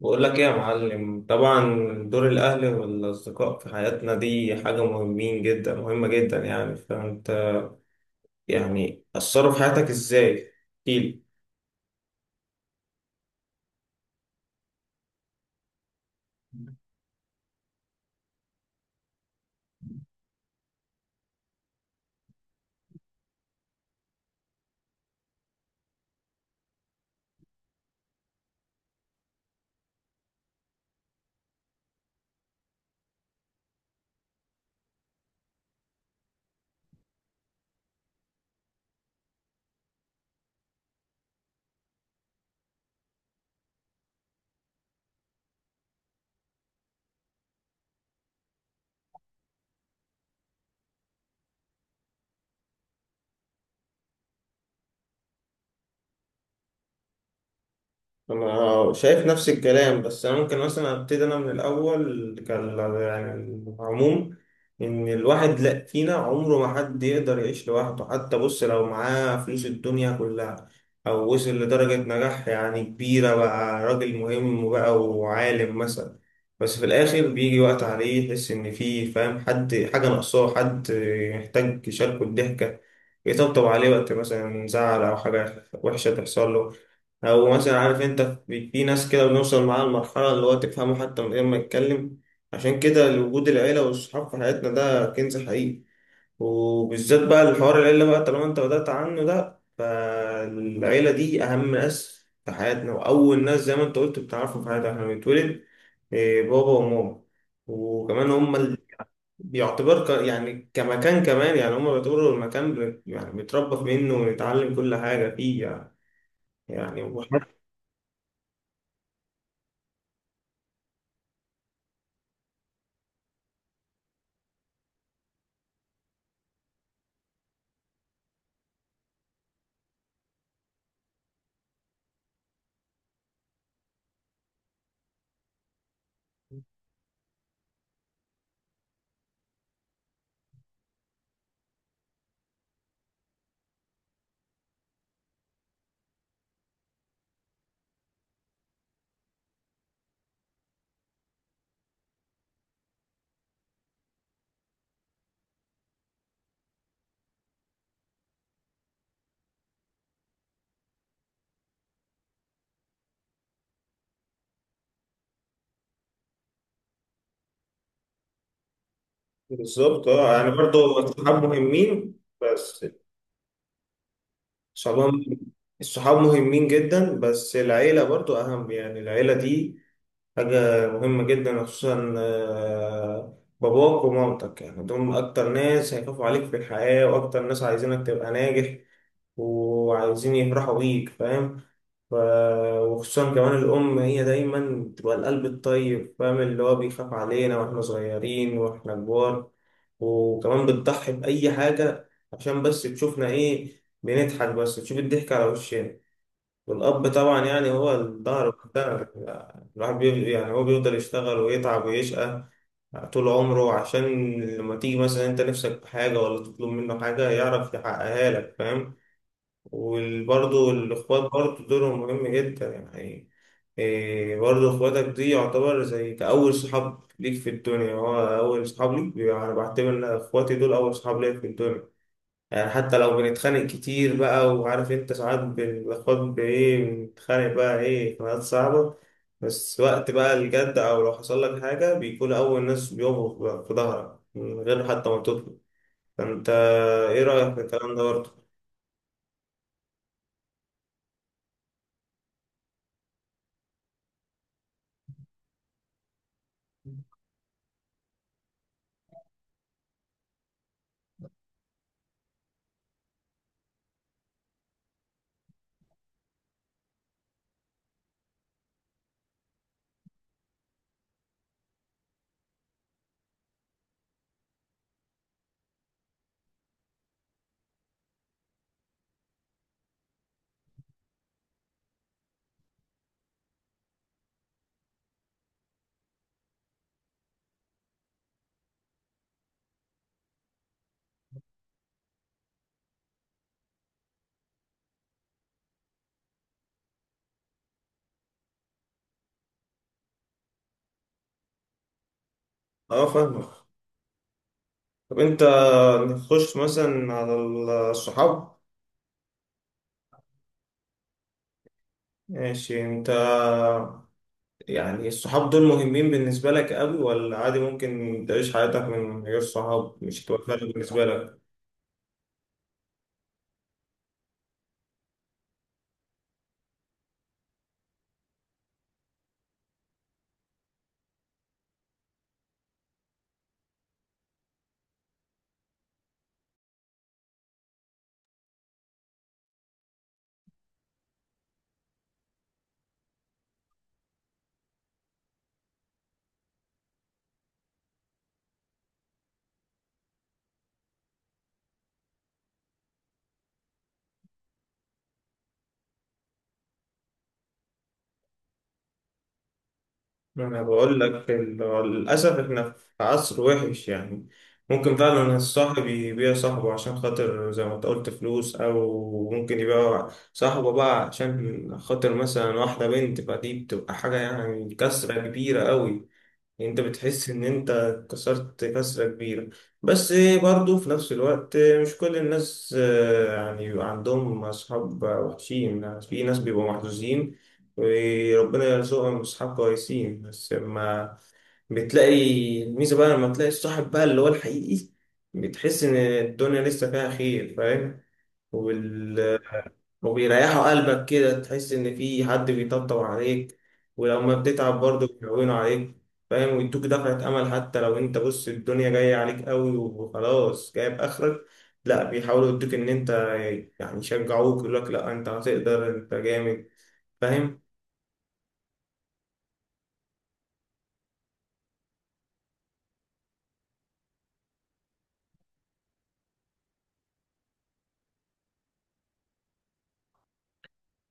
بقول لك ايه يا معلم، طبعا. دور الاهل والاصدقاء في حياتنا دي حاجه مهمين جدا مهمه جدا، يعني فانت يعني اثروا في حياتك ازاي؟ احكيلي. انا شايف نفس الكلام، بس انا ممكن مثلا ابتدي انا من الاول. كان يعني العموم ان الواحد لا فينا عمره ما حد يقدر يعيش لوحده، حتى بص لو معاه فلوس الدنيا كلها او وصل لدرجة نجاح يعني كبيرة، بقى راجل مهم بقى وعالم مثلا. بس في الاخر بيجي وقت عليه يحس ان فيه، فاهم، حد حاجة ناقصاه، حد يحتاج يشاركه الضحكة، يطبطب عليه وقت مثلا زعل او حاجة وحشة تحصل له، او مثلا عارف انت. في ناس كده بنوصل معاها لمرحله اللي هو تفهمه حتى من غير ما يتكلم. عشان كده وجود العيله والصحاب في حياتنا ده كنز حقيقي، وبالذات بقى الحوار العيله بقى طالما انت بدأت عنه ده. فالعيله دي اهم ناس في حياتنا، واول ناس زي ما انت قلت بتعرفهم في حياتنا احنا بنتولد. إيه، بابا وماما. وكمان هم يعني كمكان، كمان يعني هم بيعتبروا المكان، يعني بنتربى منه ونتعلم كل حاجه فيه، يعني. بالظبط. اه يعني برضو الصحاب مهمين. بس الصحاب الصحاب مهمين جدا، بس العيلة برضو أهم. يعني العيلة دي حاجة مهمة جدا، خصوصا آه، باباك ومامتك. يعني دول أكتر ناس هيخافوا عليك في الحياة، وأكتر ناس عايزينك تبقى ناجح وعايزين يفرحوا بيك، فاهم. ف... وخصوصا كمان الأم هي دايما بتبقى القلب الطيب، فاهم، اللي هو بيخاف علينا وإحنا صغيرين وإحنا كبار. وكمان بتضحي بأي حاجة عشان بس تشوفنا إيه، بنضحك، بس تشوف الضحك على وشنا. والأب طبعا يعني هو الظهر بتاع الواحد، يعني هو بيفضل يشتغل ويتعب ويشقى طول عمره عشان لما تيجي مثلا أنت نفسك في حاجة ولا تطلب منه حاجة يعرف يحققها لك، فاهم. وبرضه الإخوات برضه دورهم مهم جدا يعني. إيه، برضه إخواتك دي يعتبر زي كأول صحاب ليك في الدنيا، هو أول صحاب ليك أنا بعتبر إن إخواتي دول أول صحاب ليا في الدنيا. يعني حتى لو بنتخانق كتير بقى، وعارف انت ساعات بناخد بايه، بنتخانق بقى ايه، خناقات صعبة. بس وقت بقى الجد او لو حصل لك حاجة بيكون اول ناس بيقفوا بقى في ظهرك من غير حتى ما تطلب. فانت، ايه رأيك في الكلام ده برضه؟ اه، فاهمك. طب انت، نخش مثلا على الصحاب. ماشي. انت يعني الصحاب دول مهمين بالنسبة لك قوي ولا عادي؟ ممكن تعيش حياتك من غير صحاب، مش هتبقى فارقة بالنسبة لك؟ ما انا بقول لك للاسف احنا في عصر وحش يعني. ممكن فعلا الصاحب يبيع صاحبه عشان خاطر زي ما انت قلت فلوس، او ممكن يبيع صاحبه بقى عشان خاطر مثلا واحده بنت. فدي بتبقى حاجه يعني كسره كبيره قوي. انت بتحس ان انت كسرت كسرة كبيرة. بس برضو في نفس الوقت مش كل الناس آه، يعني بيبقى عندهم اصحاب وحشين، يعني في ناس بيبقوا محظوظين وربنا يرزقهم اصحاب كويسين. بس لما بتلاقي الميزة بقى، لما تلاقي الصاحب بقى اللي هو الحقيقي، بتحس ان الدنيا لسه فيها خير، فاهم. وبيريحوا قلبك كده، تحس إن في حد بيطبطب عليك، ولو ما بتتعب برضه بيهونوا عليك، فاهم، ويدوك دفعة أمل. حتى لو أنت، بص، الدنيا جاية عليك أوي وخلاص جايب آخرك، لا بيحاولوا يدوك إن أنت يعني، يشجعوك، يقولك لا أنت هتقدر، أنت جامد، فاهم.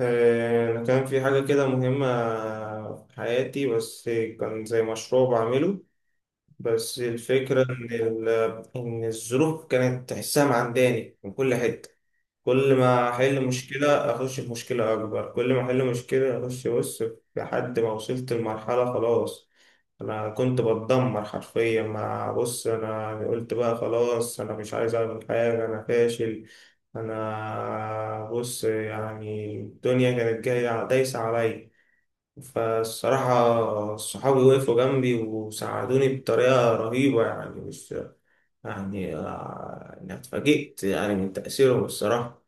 آه، أنا كان في حاجة كده مهمة في حياتي، بس كان زي مشروع بعمله. بس الفكرة إن إن الظروف كانت تحسها معنداني من كل حتة. كل ما احل مشكله اخش في مشكله اكبر، كل ما احل مشكله اخش، بص، لحد ما وصلت لمرحله خلاص انا كنت بتدمر حرفيا. ما بص، انا قلت بقى خلاص انا مش عايز اعمل حاجه، انا فاشل، انا بص يعني الدنيا كانت جايه دايسه عليا. فالصراحة صحابي وقفوا جنبي وساعدوني بطريقة رهيبة، يعني مش يعني آه، أنا اتفاجئت يعني من تأثيرهم، الصراحة.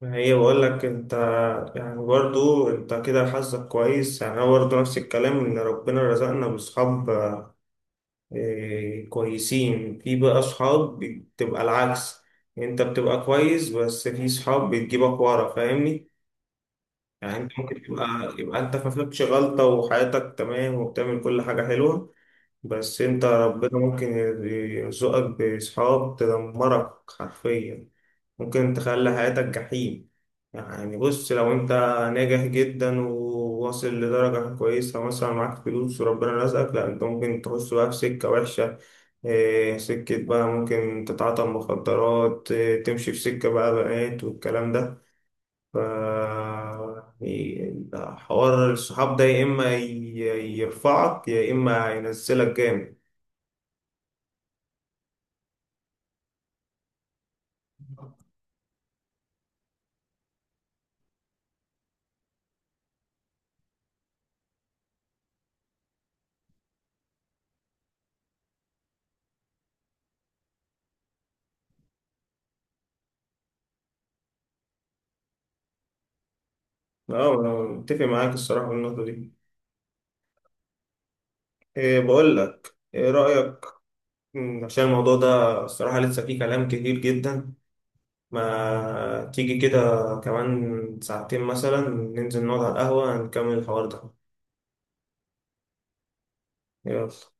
ما هي بقول لك انت، يعني برضو انت كده حظك كويس، يعني انا برضو نفس الكلام ان ربنا رزقنا باصحاب اه، كويسين. في بقى اصحاب بتبقى العكس، انت بتبقى كويس بس في صحاب بتجيبك ورا، فاهمني. يعني انت ممكن تبقى، يبقى انت ما فيكش غلطة وحياتك تمام وبتعمل كل حاجة حلوة، بس انت ربنا ممكن يرزقك بصحاب تدمرك حرفيا، ممكن تخلي حياتك جحيم. يعني بص لو انت ناجح جدا وواصل لدرجة كويسة، مثلا معاك فلوس وربنا رزقك، لا انت ممكن تخش بقى في سكة وحشة، اه، سكة بقى ممكن تتعاطى مخدرات، اه، تمشي في سكة بقى بنات والكلام ده. ف، يعني حوار الصحاب ده يا إما يرفعك يا إما ينزلك جامد. اه انا متفق معاك الصراحه في النقطه دي. إيه، بقول لك ايه رايك، عشان الموضوع ده الصراحه لسه فيه كلام كتير جدا. ما تيجي كده كمان ساعتين مثلا ننزل نقعد على القهوه نكمل الحوار ده؟ يلا.